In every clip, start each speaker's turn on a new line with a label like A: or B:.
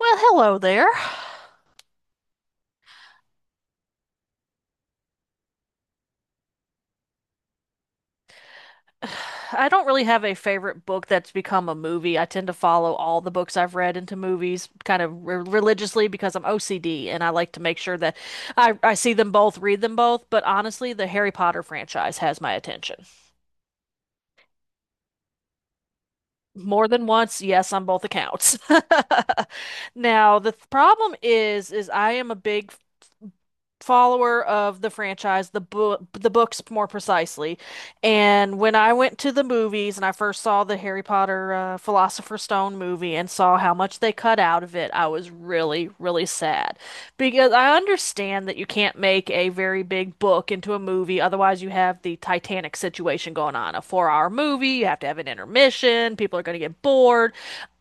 A: Well, hello there. I don't really have a favorite book that's become a movie. I tend to follow all the books I've read into movies kind of re religiously because I'm OCD and I like to make sure that I see them both, read them both. But honestly, the Harry Potter franchise has my attention. More than once, yes, on both accounts. Now, problem is I am a big follower of the franchise, the books more precisely. And when I went to the movies and I first saw the Harry Potter Philosopher's Stone movie and saw how much they cut out of it, I was really, really sad. Because I understand that you can't make a very big book into a movie, otherwise you have the Titanic situation going on. A 4-hour movie, you have to have an intermission, people are going to get bored.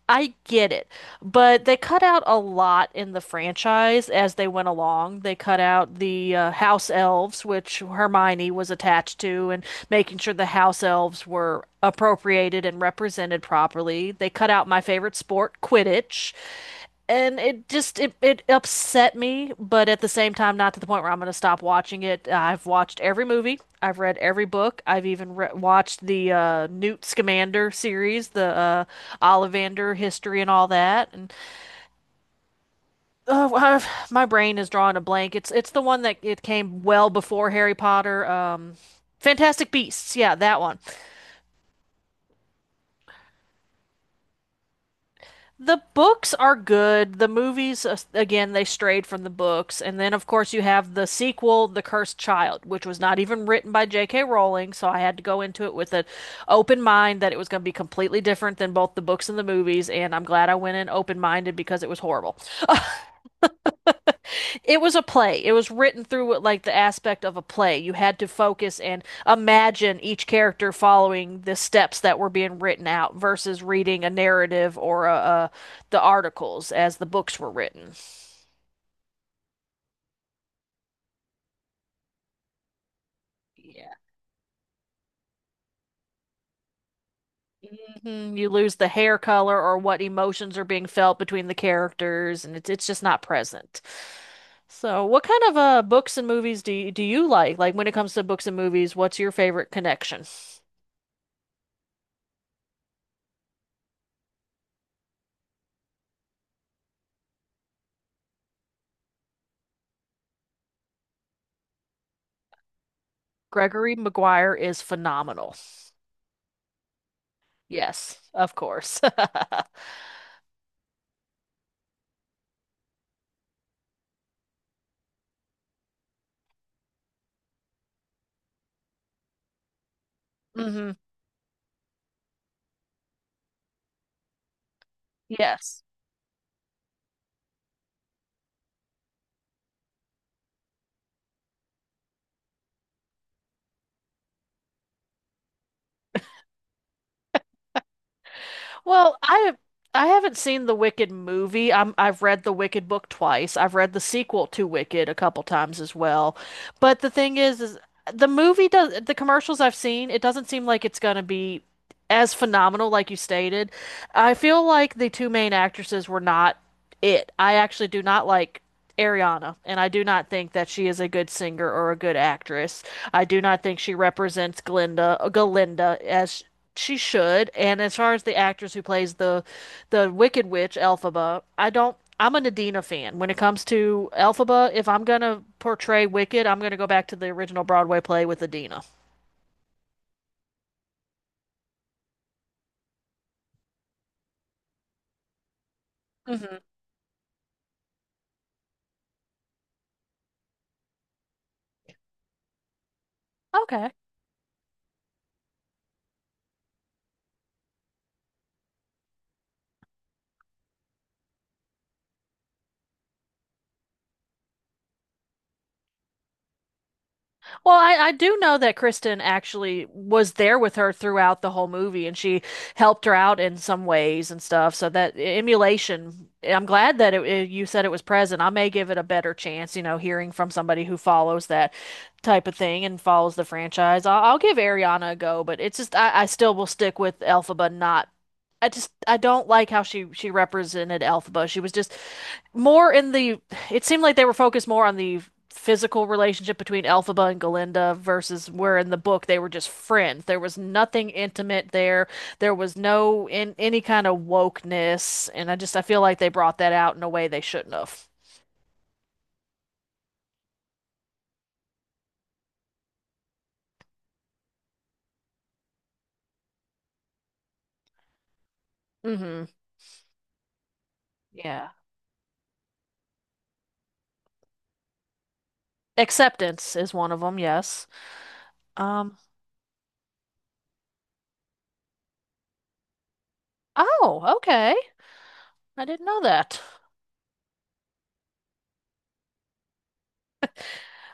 A: I get it. But they cut out a lot in the franchise as they went along. They cut out the house elves, which Hermione was attached to, and making sure the house elves were appropriated and represented properly. They cut out my favorite sport, Quidditch, and it upset me. But at the same time, not to the point where I'm going to stop watching it. I've watched every movie, I've read every book, I've even watched the Newt Scamander series, the Ollivander history and all that. And my brain is drawing a blank. It's the one that it came well before Harry Potter. Fantastic Beasts, yeah, that one. The books are good. The movies, again, they strayed from the books. And then, of course, you have the sequel, The Cursed Child, which was not even written by J.K. Rowling. So I had to go into it with an open mind that it was going to be completely different than both the books and the movies. And I'm glad I went in open minded, because it was horrible. It was a play. It was written through like the aspect of a play. You had to focus and imagine each character following the steps that were being written out, versus reading a narrative or the articles as the books were written. Yeah. You lose the hair color or what emotions are being felt between the characters, and it's just not present. So, what kind of books and movies do you like? Like when it comes to books and movies, what's your favorite connection? Gregory Maguire is phenomenal. Yes, of course. Hmm. Yes. Well, I haven't seen the Wicked movie. I've read the Wicked book twice. I've read the sequel to Wicked a couple times as well. But the thing is the movie does the commercials I've seen, it doesn't seem like it's gonna be as phenomenal, like you stated. I feel like the two main actresses were not it. I actually do not like Ariana, and I do not think that she is a good singer or a good actress. I do not think she represents Galinda as she should. And as far as the actress who plays the Wicked Witch, Elphaba, I don't. I'm a Nadina fan. When it comes to Elphaba, if I'm gonna portray Wicked, I'm gonna go back to the original Broadway play with Adina. Hmm. Okay. Well, I do know that Kristen actually was there with her throughout the whole movie and she helped her out in some ways and stuff. So that emulation, I'm glad that you said it was present. I may give it a better chance, hearing from somebody who follows that type of thing and follows the franchise. I'll give Ariana a go. But it's just, I still will stick with Elphaba, not. I don't like how she represented Elphaba. She was just more in the, it seemed like they were focused more on the physical relationship between Elphaba and Galinda, versus where in the book they were just friends. There was nothing intimate there. There was no in any kind of wokeness, and I feel like they brought that out in a way they shouldn't have. Hmm. Yeah. Acceptance is one of them, yes. Um, oh, okay. I didn't know that.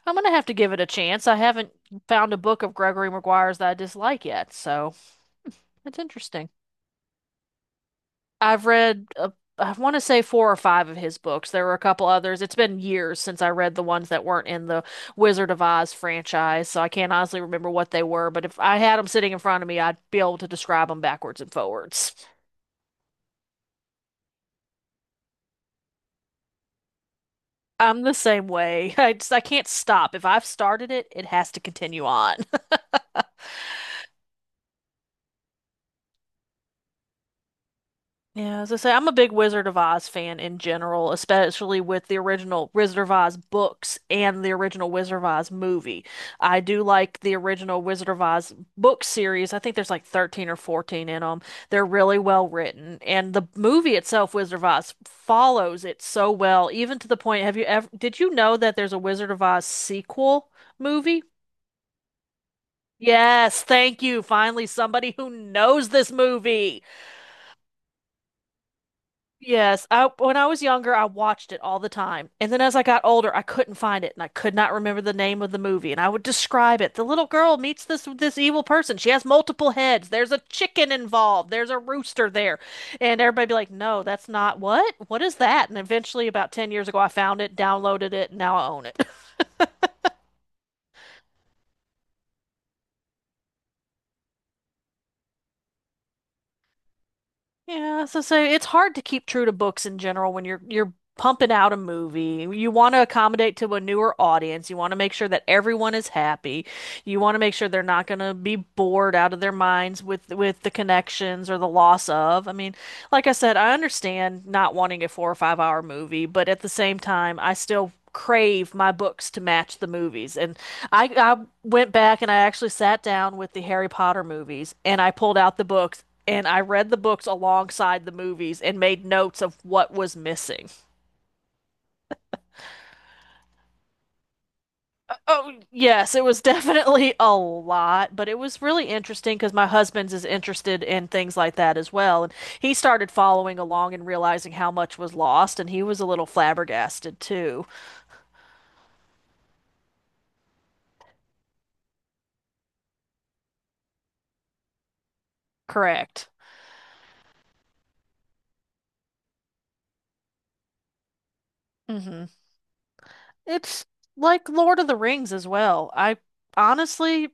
A: I'm gonna have to give it a chance. I haven't found a book of Gregory Maguire's that I dislike yet, so it's interesting. I've read I want to say four or five of his books. There were a couple others. It's been years since I read the ones that weren't in the Wizard of Oz franchise, so I can't honestly remember what they were, but if I had them sitting in front of me, I'd be able to describe them backwards and forwards. I'm the same way. I can't stop. If I've started it, it has to continue on. Yeah, as I say, I'm a big Wizard of Oz fan in general, especially with the original Wizard of Oz books and the original Wizard of Oz movie. I do like the original Wizard of Oz book series. I think there's like 13 or 14 in them. They're really well written, and the movie itself, Wizard of Oz, follows it so well, even to the point, did you know that there's a Wizard of Oz sequel movie? Yes, thank you. Finally, somebody who knows this movie. Yes, I when I was younger, I watched it all the time. And then as I got older, I couldn't find it and I could not remember the name of the movie. And I would describe it. The little girl meets this evil person. She has multiple heads. There's a chicken involved. There's a rooster there. And everybody be like, "No, that's not what? What is that?" And eventually about 10 years ago, I found it, downloaded it, and now I own it. Yeah, so it's hard to keep true to books in general when you're pumping out a movie. You want to accommodate to a newer audience. You want to make sure that everyone is happy. You want to make sure they're not going to be bored out of their minds with the connections or the loss of. I mean, like I said, I understand not wanting a 4 or 5 hour movie, but at the same time, I still crave my books to match the movies. And I went back and I actually sat down with the Harry Potter movies and I pulled out the books and I read the books alongside the movies and made notes of what was missing. Oh, yes, it was definitely a lot, but it was really interesting because my husband's is interested in things like that as well. And he started following along and realizing how much was lost, and he was a little flabbergasted too. Correct. hmm It's like Lord of the Rings as well. I honestly,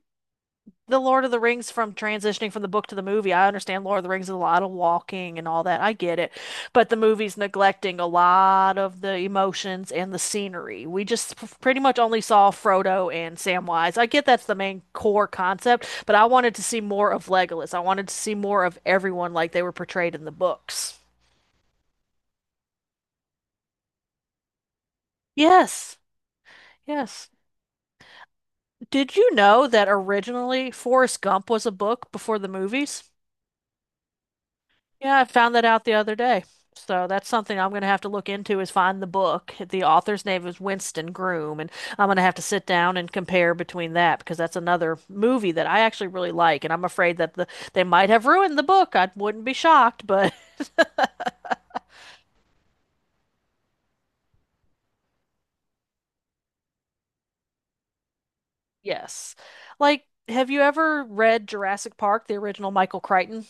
A: the Lord of the Rings from transitioning from the book to the movie. I understand Lord of the Rings is a lot of walking and all that. I get it. But the movie's neglecting a lot of the emotions and the scenery. We just pretty much only saw Frodo and Samwise. I get that's the main core concept, but I wanted to see more of Legolas. I wanted to see more of everyone like they were portrayed in the books. Yes. Yes. Did you know that originally Forrest Gump was a book before the movies? Yeah, I found that out the other day. So that's something I'm going to have to look into is find the book. The author's name is Winston Groom, and I'm going to have to sit down and compare between that because that's another movie that I actually really like, and I'm afraid that they might have ruined the book. I wouldn't be shocked, but yes. Like, have you ever read Jurassic Park, the original Michael Crichton?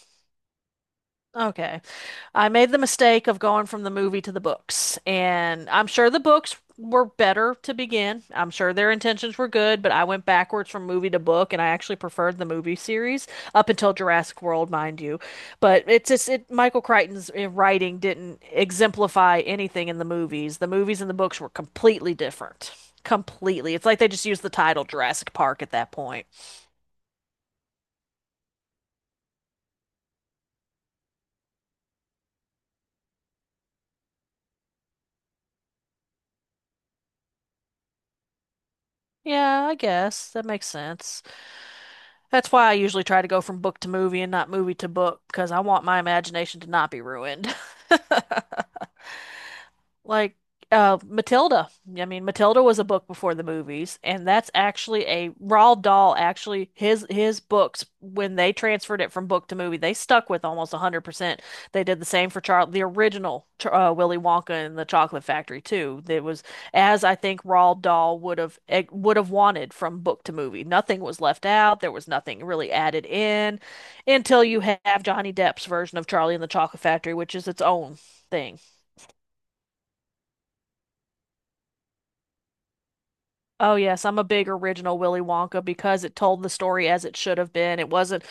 A: Okay. I made the mistake of going from the movie to the books, and I'm sure the books were better to begin. I'm sure their intentions were good, but I went backwards from movie to book, and I actually preferred the movie series up until Jurassic World, mind you. But Michael Crichton's writing didn't exemplify anything in the movies. The movies and the books were completely different. Completely. It's like they just used the title Jurassic Park at that point. Yeah, I guess that makes sense. That's why I usually try to go from book to movie and not movie to book because I want my imagination to not be ruined. Like Matilda. I mean, Matilda was a book before the movies, and that's actually a Roald Dahl actually his books. When they transferred it from book to movie, they stuck with almost 100%. They did the same for Charlie, the original Willy Wonka and the Chocolate Factory too. It was as I think Roald Dahl would have would have wanted from book to movie. Nothing was left out. There was nothing really added in until you have Johnny Depp's version of Charlie and the Chocolate Factory, which is its own thing. Oh yes, I'm a big original Willy Wonka because it told the story as it should have been. It wasn't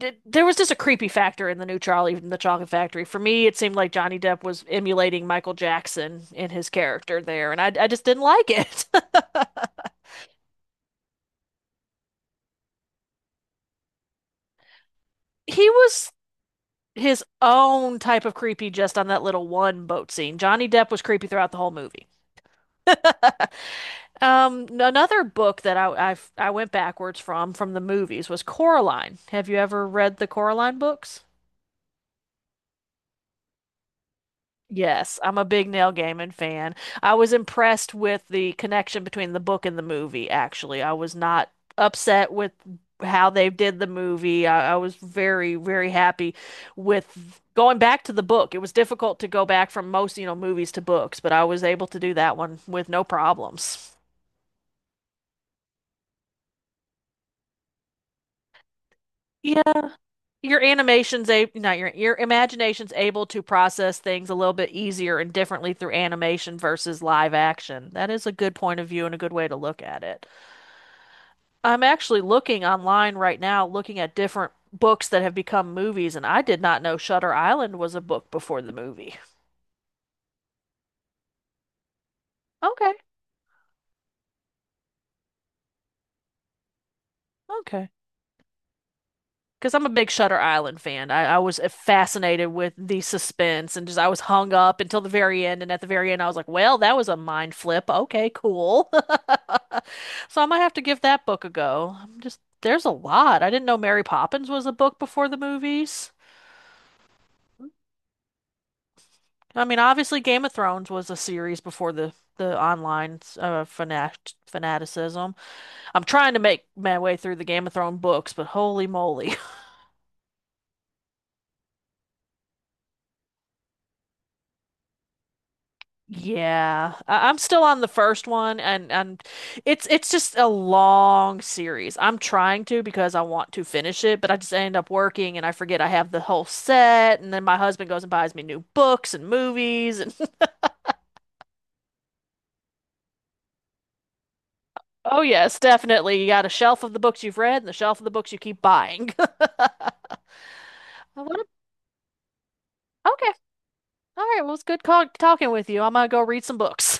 A: there was just a creepy factor in the new Charlie and the Chocolate Factory. For me, it seemed like Johnny Depp was emulating Michael Jackson in his character there, and I just didn't like it. He was his own type of creepy just on that little one boat scene. Johnny Depp was creepy throughout the whole movie. Another book that I went backwards from the movies was Coraline. Have you ever read the Coraline books? Yes, I'm a big Neil Gaiman fan. I was impressed with the connection between the book and the movie, actually. I was not upset with how they did the movie. I was very, very happy with going back to the book. It was difficult to go back from most, movies to books, but I was able to do that one with no problems. Yeah. Your animation's a not your your imagination's able to process things a little bit easier and differently through animation versus live action. That is a good point of view and a good way to look at it. I'm actually looking online right now, looking at different books that have become movies, and I did not know Shutter Island was a book before the movie. Okay, okay. Because I'm a big Shutter Island fan. I was fascinated with the suspense, and just I was hung up until the very end. And at the very end, I was like, well, that was a mind flip. Okay, cool. So I might have to give that book a go. I'm just, there's a lot. I didn't know Mary Poppins was a book before the movies. I mean, obviously, Game of Thrones was a series before the online fanaticism. I'm trying to make my way through the Game of Thrones books, but holy moly. Yeah, I'm still on the first one, and it's just a long series. I'm trying to because I want to finish it, but I just end up working and I forget I have the whole set, and then my husband goes and buys me new books and movies, and oh yes, definitely, you got a shelf of the books you've read and the shelf of the books you keep buying. What a- okay, all right, well it's good talking with you. I'm gonna go read some books.